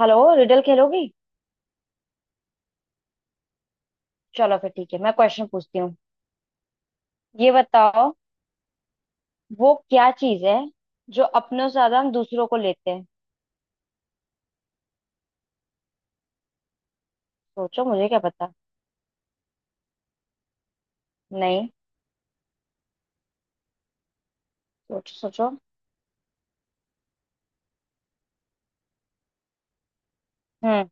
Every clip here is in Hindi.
हेलो। रिडल खेलोगी। चलो फिर ठीक है, मैं क्वेश्चन पूछती हूँ। ये बताओ, वो क्या चीज है जो अपनों से ज्यादा हम दूसरों को लेते हैं। सोचो, मुझे क्या पता। नहीं। सोचो सोचो। हम्म।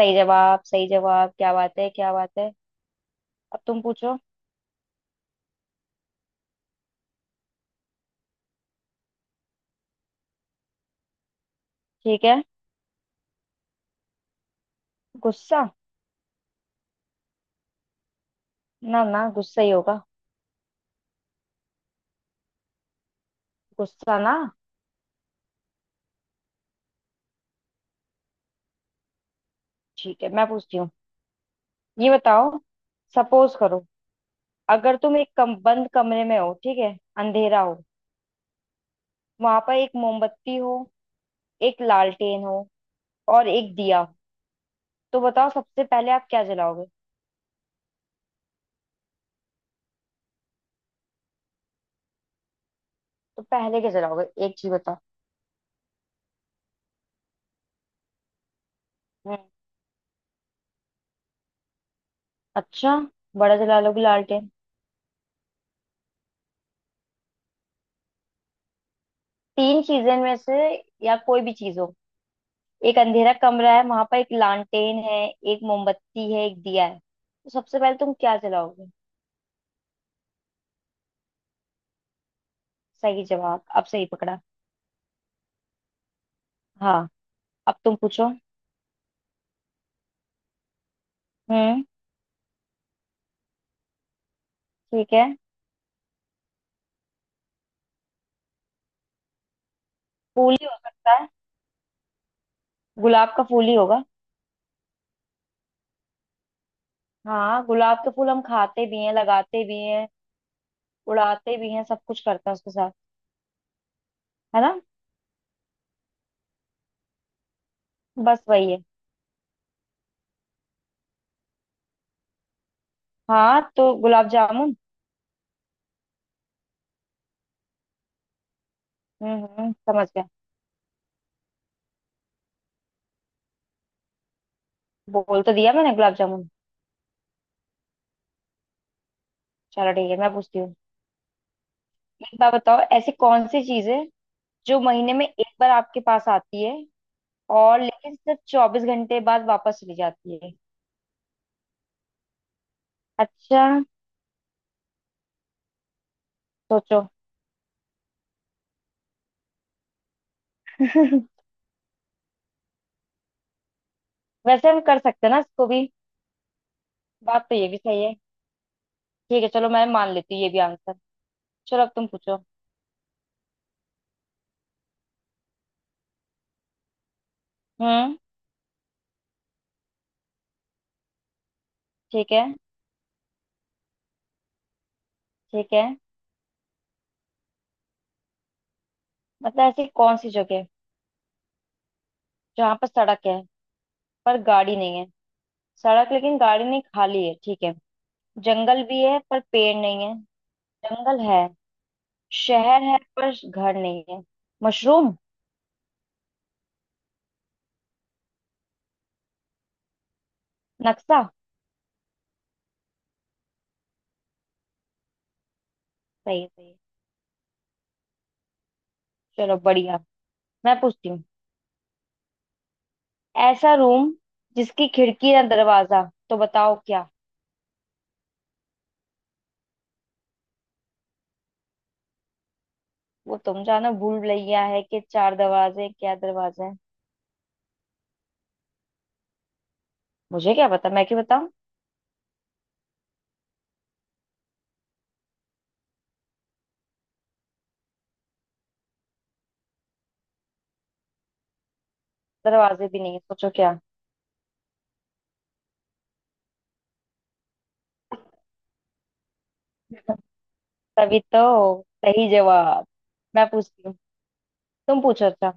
सही जवाब, सही जवाब, क्या बात है, क्या बात है। अब तुम पूछो। ठीक है। गुस्सा। ना ना, गुस्सा ही होगा। गुस्सा ना। ठीक है, मैं पूछती हूँ। ये बताओ, सपोज करो, अगर तुम एक बंद कमरे में हो, ठीक है, अंधेरा हो, वहां पर एक मोमबत्ती हो, एक लालटेन हो, और एक दिया। तो बताओ, सबसे पहले आप क्या जलाओगे। तो पहले क्या जलाओगे, एक चीज बताओ। हम्म, अच्छा। बड़ा जला लोगे लालटेन। तीन चीजें में से, या कोई भी चीज हो। एक अंधेरा कमरा है, वहां पर एक लालटेन है, एक मोमबत्ती है, एक दिया है। तो सबसे पहले तुम क्या जलाओगे। सही जवाब, अब सही पकड़ा। हाँ, अब तुम पूछो। हम्म। ठीक है। फूल ही हो सकता है। गुलाब का फूल ही होगा। हाँ, गुलाब के फूल हम खाते भी हैं, लगाते भी हैं, उड़ाते भी हैं, सब कुछ करते हैं उसके साथ। है ना। बस वही है। हाँ, तो गुलाब जामुन। हम्म, समझ गया। बोल तो दिया मैंने गुलाब जामुन। चलो ठीक है, मैं पूछती हूँ। एक बात बताओ, ऐसी कौन सी चीज है जो महीने में एक बार आपके पास आती है, और लेकिन सिर्फ 24 घंटे बाद वापस चली जाती है। अच्छा। सोचो। वैसे हम कर सकते हैं ना इसको भी। बात तो ये भी सही है। ठीक है चलो, मैं मान लेती हूँ ये भी आंसर। चलो अब तुम पूछो। हम्म। ठीक है। ठीक है। मतलब ऐसी कौन सी जगह है। जहाँ पर सड़क है पर गाड़ी नहीं है। सड़क, लेकिन गाड़ी नहीं, खाली है, ठीक है। जंगल भी है पर पेड़ नहीं है। जंगल है। शहर है पर घर नहीं है। मशरूम। नक्शा। सही है सही है। चलो बढ़िया। मैं पूछती हूँ। ऐसा रूम जिसकी खिड़की ना दरवाजा। तो बताओ क्या। वो तुम जानो, भूल भुलैया है कि चार दरवाजे हैं, क्या दरवाजे हैं। मुझे क्या पता, मैं क्यों बताऊँ। दरवाजे भी नहीं है, सोचो क्या। तभी तो सही जवाब। मैं पूछती हूँ। तुम पूछो। अच्छा।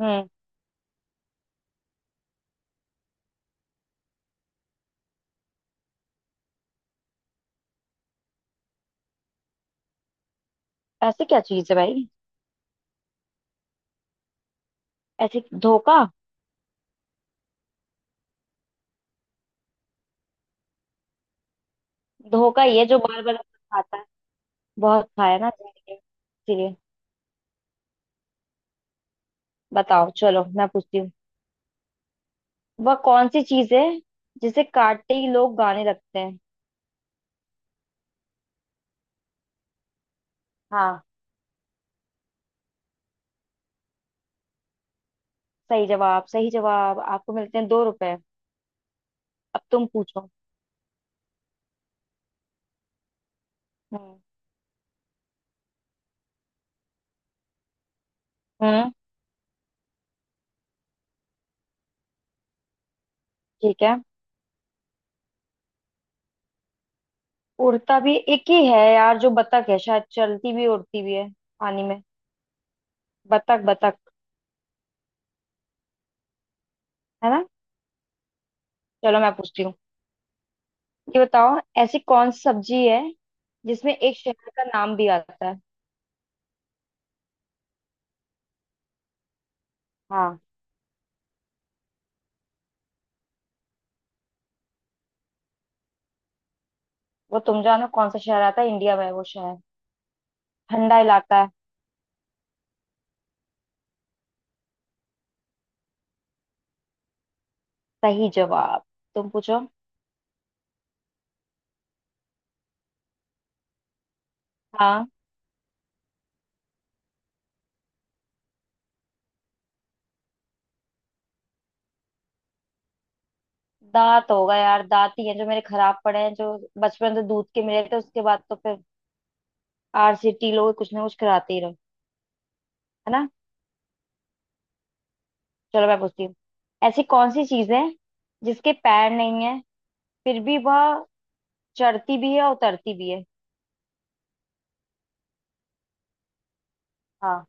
हम्म। ऐसी क्या चीज है भाई। ऐसे धोखा। धोखा ये जो बार बार खाता है। बहुत खाया ना जाने के। इसीलिए बताओ। चलो मैं पूछती हूँ। वह कौन सी चीज है जिसे काटते ही लोग गाने लगते हैं। हाँ, सही जवाब, सही जवाब। आपको मिलते हैं 2 रुपए। अब तुम पूछो। हम्म। हम्म, ठीक है। उड़ता भी एक ही है यार, जो बतख है शायद, चलती भी उड़ती भी है। पानी में। बतख बतख। है ना। चलो मैं पूछती हूँ। ये बताओ, ऐसी कौन सी सब्जी है जिसमें एक शहर का नाम भी आता है। हाँ। वो तुम जानो कौन सा शहर आता है, इंडिया में वो शहर। ठंडा इलाका है। सही जवाब। तुम पूछो। हाँ। दांत होगा यार, दांत ही है जो मेरे खराब पड़े हैं, जो बचपन से दूध के मिले थे, उसके बाद तो फिर आरसीटी लोग कुछ ना कुछ कराते ही रहो। है ना। चलो मैं पूछती हूँ। ऐसी कौन सी चीज है जिसके पैर नहीं है, फिर भी वह चढ़ती भी है और उतरती भी है। हाँ।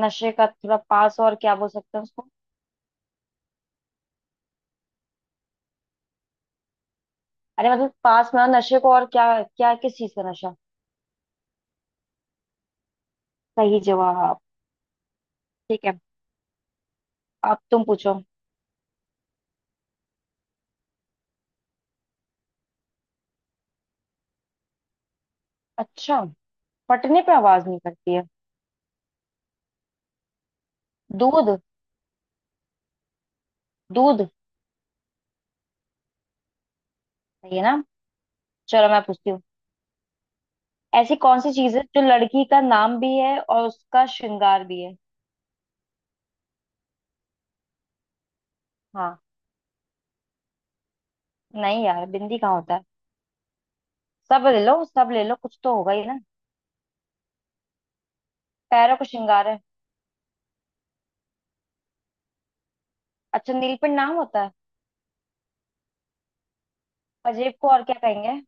नशे का थोड़ा पास, और क्या बोल सकते हैं उसको। अरे मतलब, पास में, और नशे को और क्या क्या, किस चीज का नशा। सही जवाब। ठीक है। अब तुम पूछो। अच्छा। फटने पे आवाज नहीं करती है। दूध। दूध। सही है ना। चलो मैं पूछती हूँ। ऐसी कौन सी चीज है जो लड़की का नाम भी है और उसका श्रृंगार भी है। हाँ। नहीं यार, बिंदी कहाँ होता है। सब ले लो, सब ले लो, कुछ तो होगा ही ना। पैरों को श्रृंगार है। अच्छा, नीलपिंड नाम होता है। अजेब को और क्या कहेंगे।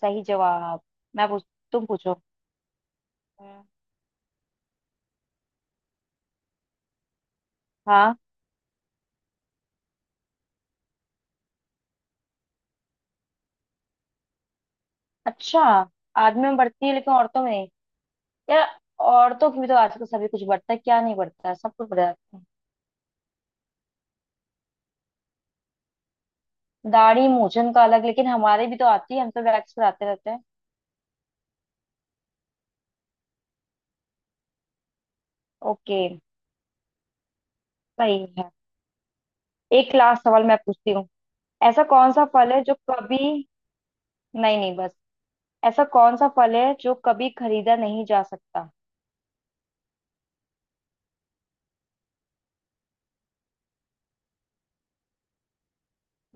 सही जवाब। मैं पूछ तुम पूछो। हम्म, हाँ। अच्छा, आदमी में बढ़ती है लेकिन औरतों में नहीं। यार, औरतों की भी तो आजकल सभी कुछ बढ़ता है, क्या नहीं बढ़ता है, सब कुछ बढ़ जाता है। दाढ़ी मूंछन का अलग, लेकिन हमारे भी तो आती है, हम तो वैक्स कराते रहते हैं। ओके। सही है। एक लास्ट सवाल मैं पूछती हूँ। ऐसा कौन सा फल है जो कभी। नहीं नहीं बस। ऐसा कौन सा फल है जो कभी खरीदा नहीं जा सकता।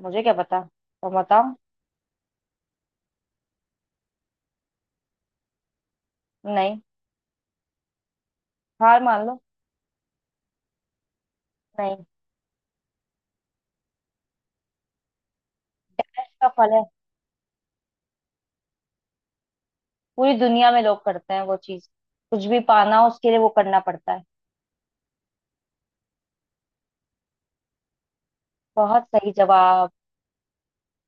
मुझे क्या पता, तो बताओ। नहीं। हार मान लो। नहीं। ऐसा फल है, पूरी दुनिया में लोग करते हैं वो चीज, कुछ भी पाना हो उसके लिए वो करना पड़ता है। बहुत सही जवाब।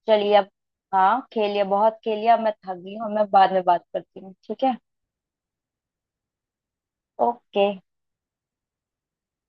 चलिए अब। हाँ, खेलिए, बहुत खेलिए, अब मैं थक गई हूँ, मैं बाद में बात करती हूँ, ठीक है। ओके।